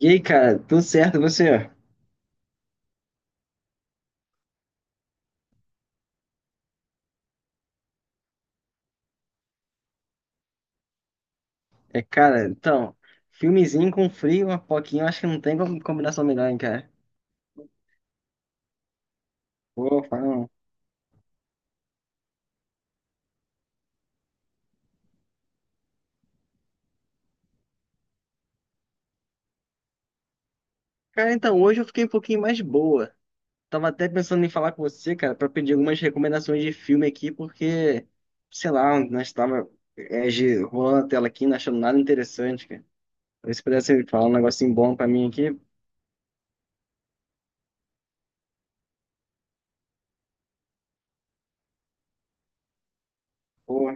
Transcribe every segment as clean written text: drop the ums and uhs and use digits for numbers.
E aí, cara, tudo certo, e você? É, cara, então, filmezinho com frio, uma poquinha, eu acho que não tem como combinação melhor, hein, cara? Pô, fala não. Cara, então, hoje eu fiquei um pouquinho mais boa. Tava até pensando em falar com você, cara, pra pedir algumas recomendações de filme aqui, porque, sei lá, nós tava rolando a tela aqui, não achando nada interessante, cara. Se pudesse falar um negocinho bom pra mim aqui, pô,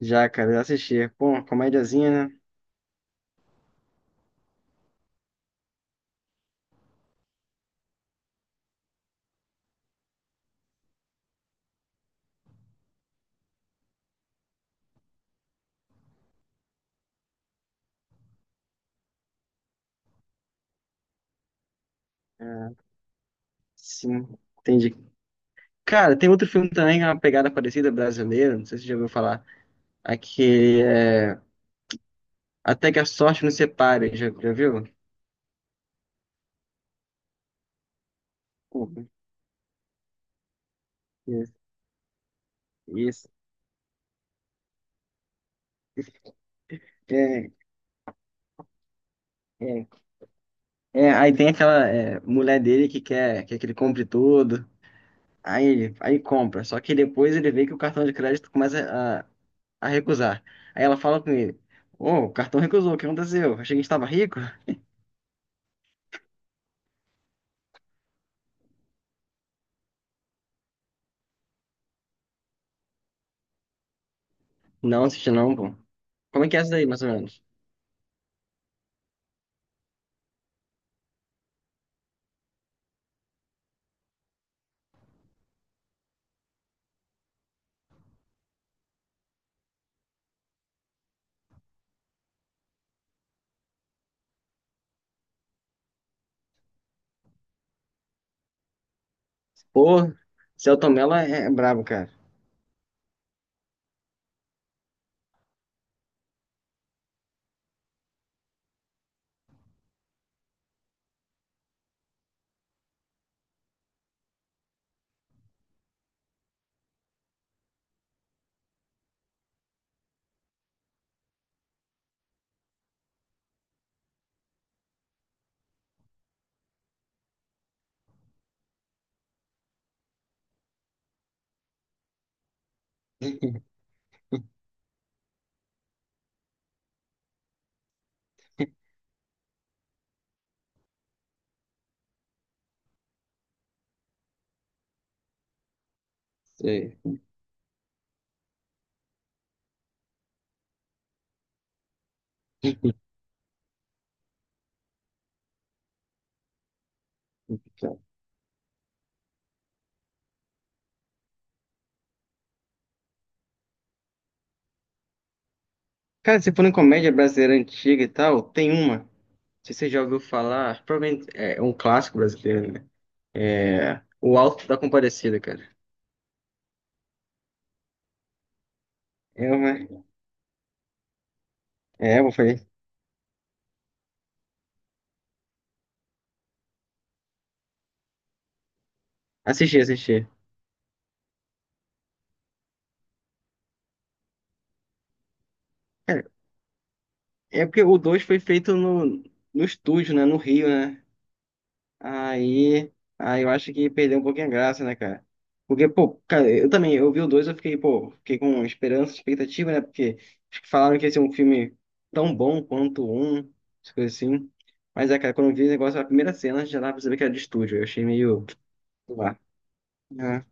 já, cara, já assisti. Pô, comédiazinha, né? É, sim, entendi. Cara, tem outro filme também, que é uma pegada parecida, brasileira. Não sei se você já ouviu falar, aquele é Até que a Sorte Nos Separe, já, já viu? Desculpa, isso, isso. É, é, é, aí tem aquela é, mulher dele que quer, quer que ele compre tudo, aí ele aí compra, só que depois ele vê que o cartão de crédito começa a recusar. Aí ela fala com ele, ô, o cartão recusou, o que aconteceu? Achei que a gente tava rico? Não, assisti não, pô. Como é que é essa daí, mais ou menos? Pô, Selton Mello é, é brabo, cara. Sei. Cara, se for em comédia brasileira antiga e tal, tem uma. Não sei se você já ouviu falar, provavelmente é um clássico brasileiro, né? É O Alto da Compadecida, cara. É uma. É, eu falei. Assisti, assisti. Cara, é porque o 2 foi feito no estúdio, né? No Rio, né? Aí, aí eu acho que perdeu um pouquinho a graça, né, cara? Porque, pô, cara, eu também, eu vi o dois, eu fiquei, pô, fiquei com esperança, expectativa, né? Porque acho que falaram que ia ser um filme tão bom quanto um, essas coisas assim. Mas é, cara, quando eu vi o negócio, a primeira cena já dava pra saber que era de estúdio. Eu achei meio. Sei lá. Né?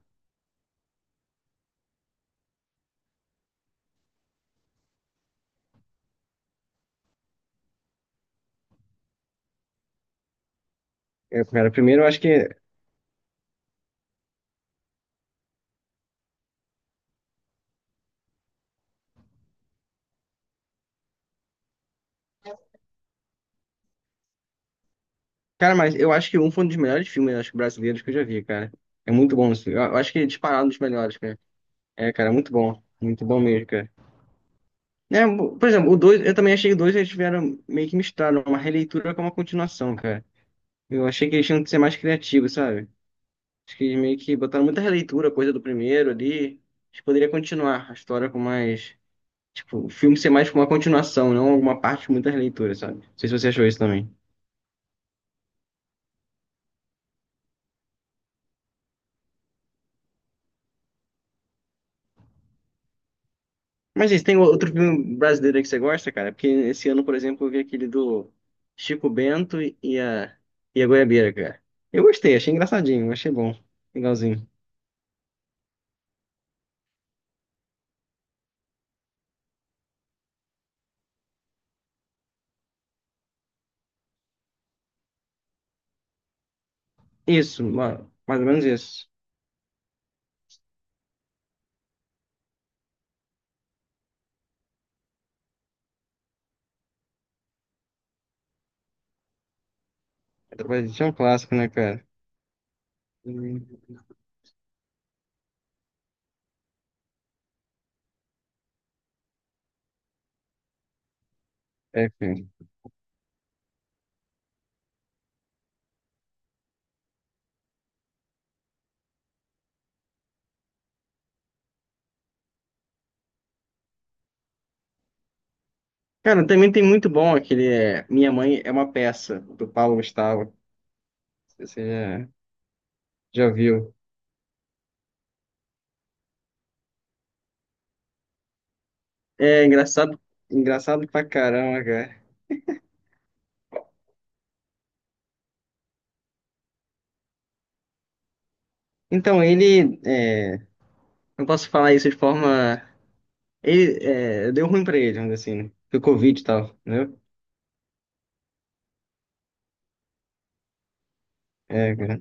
É, cara, primeiro eu acho que. Cara, mas eu acho que um foi um dos melhores filmes, né, acho, que brasileiros que eu já vi, cara. É muito bom isso. Eu acho que é disparado um dos melhores, cara. É, cara, muito bom. Muito bom mesmo, cara. Né? Por exemplo, o 2 eu também achei que o 2 eles tiveram meio que misturado uma releitura com uma continuação, cara. Eu achei que eles tinham que ser mais criativos, sabe? Acho que eles meio que botaram muita releitura, coisa do primeiro ali. Acho que poderia continuar a história com mais. Tipo, o filme ser mais como uma continuação, não alguma parte com muita releitura, sabe? Não sei se você achou isso também. Mas isso, tem outro filme brasileiro aí que você gosta, cara? Porque esse ano, por exemplo, eu vi aquele do Chico Bento e a Goiabeira, cara. Eu gostei, achei engraçadinho, achei bom, legalzinho. Isso, mais ou menos isso. Através é um clássico, né, cara? Hum. É, cara. Cara, também tem muito bom aquele é, Minha Mãe é uma Peça, do Paulo Gustavo. Você já, já viu. É engraçado, engraçado pra caramba, cara. Então, ele, é, não posso falar isso de forma... Ele, é, deu ruim pra ele, vamos dizer assim, né? Foi Covid e tal, entendeu? É, cara.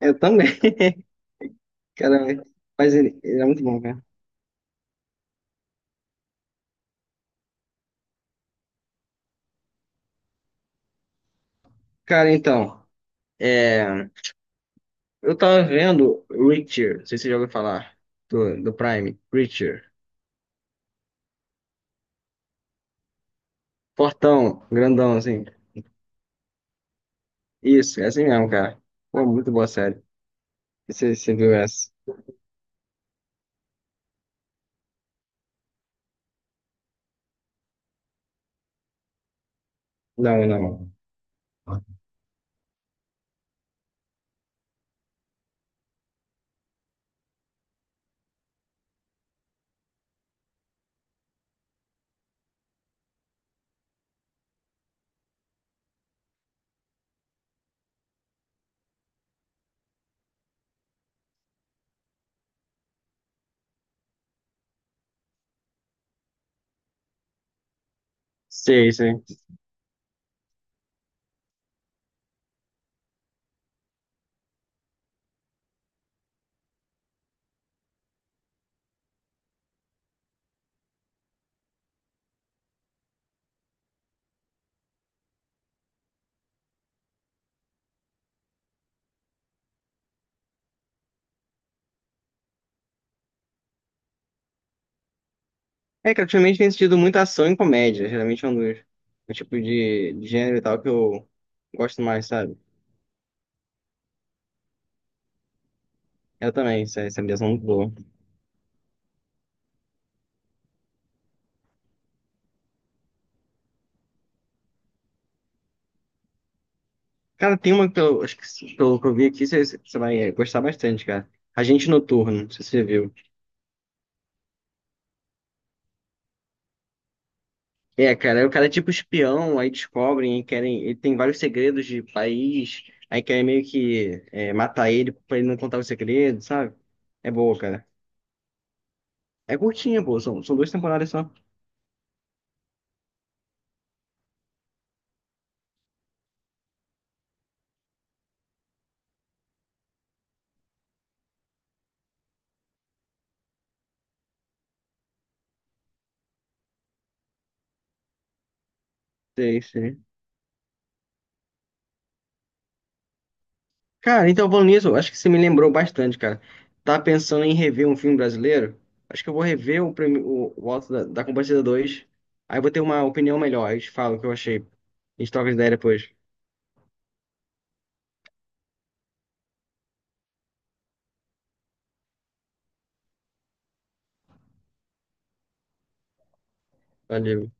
Eu também, cara. Mas ele é muito bom, cara. Cara, então... é, eu tava vendo Reacher, não sei se você já ouviu falar, do Prime, Reacher. Fortão, grandão, assim. Isso, é assim mesmo, cara. Pô, muito boa série. Você viu essa? Não, não. Sei, sei. É que ultimamente tem assistido muita ação e comédia, geralmente é um dos, o tipo de gênero e tal que eu gosto mais, sabe? Eu também, essa ligação é muito boa. Cara, tem uma que eu, acho que pelo que eu vi aqui, você vai gostar bastante, cara. Agente Noturno, não sei se você viu. É, cara, aí o cara é tipo espião, aí descobrem, aí querem, ele tem vários segredos de país, aí querem meio que é, matar ele pra ele não contar o segredo, sabe? É boa, cara. É curtinha, pô, são, são duas temporadas só. Sei, sei. Cara, então, falando nisso, acho que você me lembrou bastante, cara. Tá pensando em rever um filme brasileiro? Acho que eu vou rever o Auto da, da Compadecida 2, aí eu vou ter uma opinião melhor, aí eu te falo o que eu achei. A gente troca ideia depois. Valeu.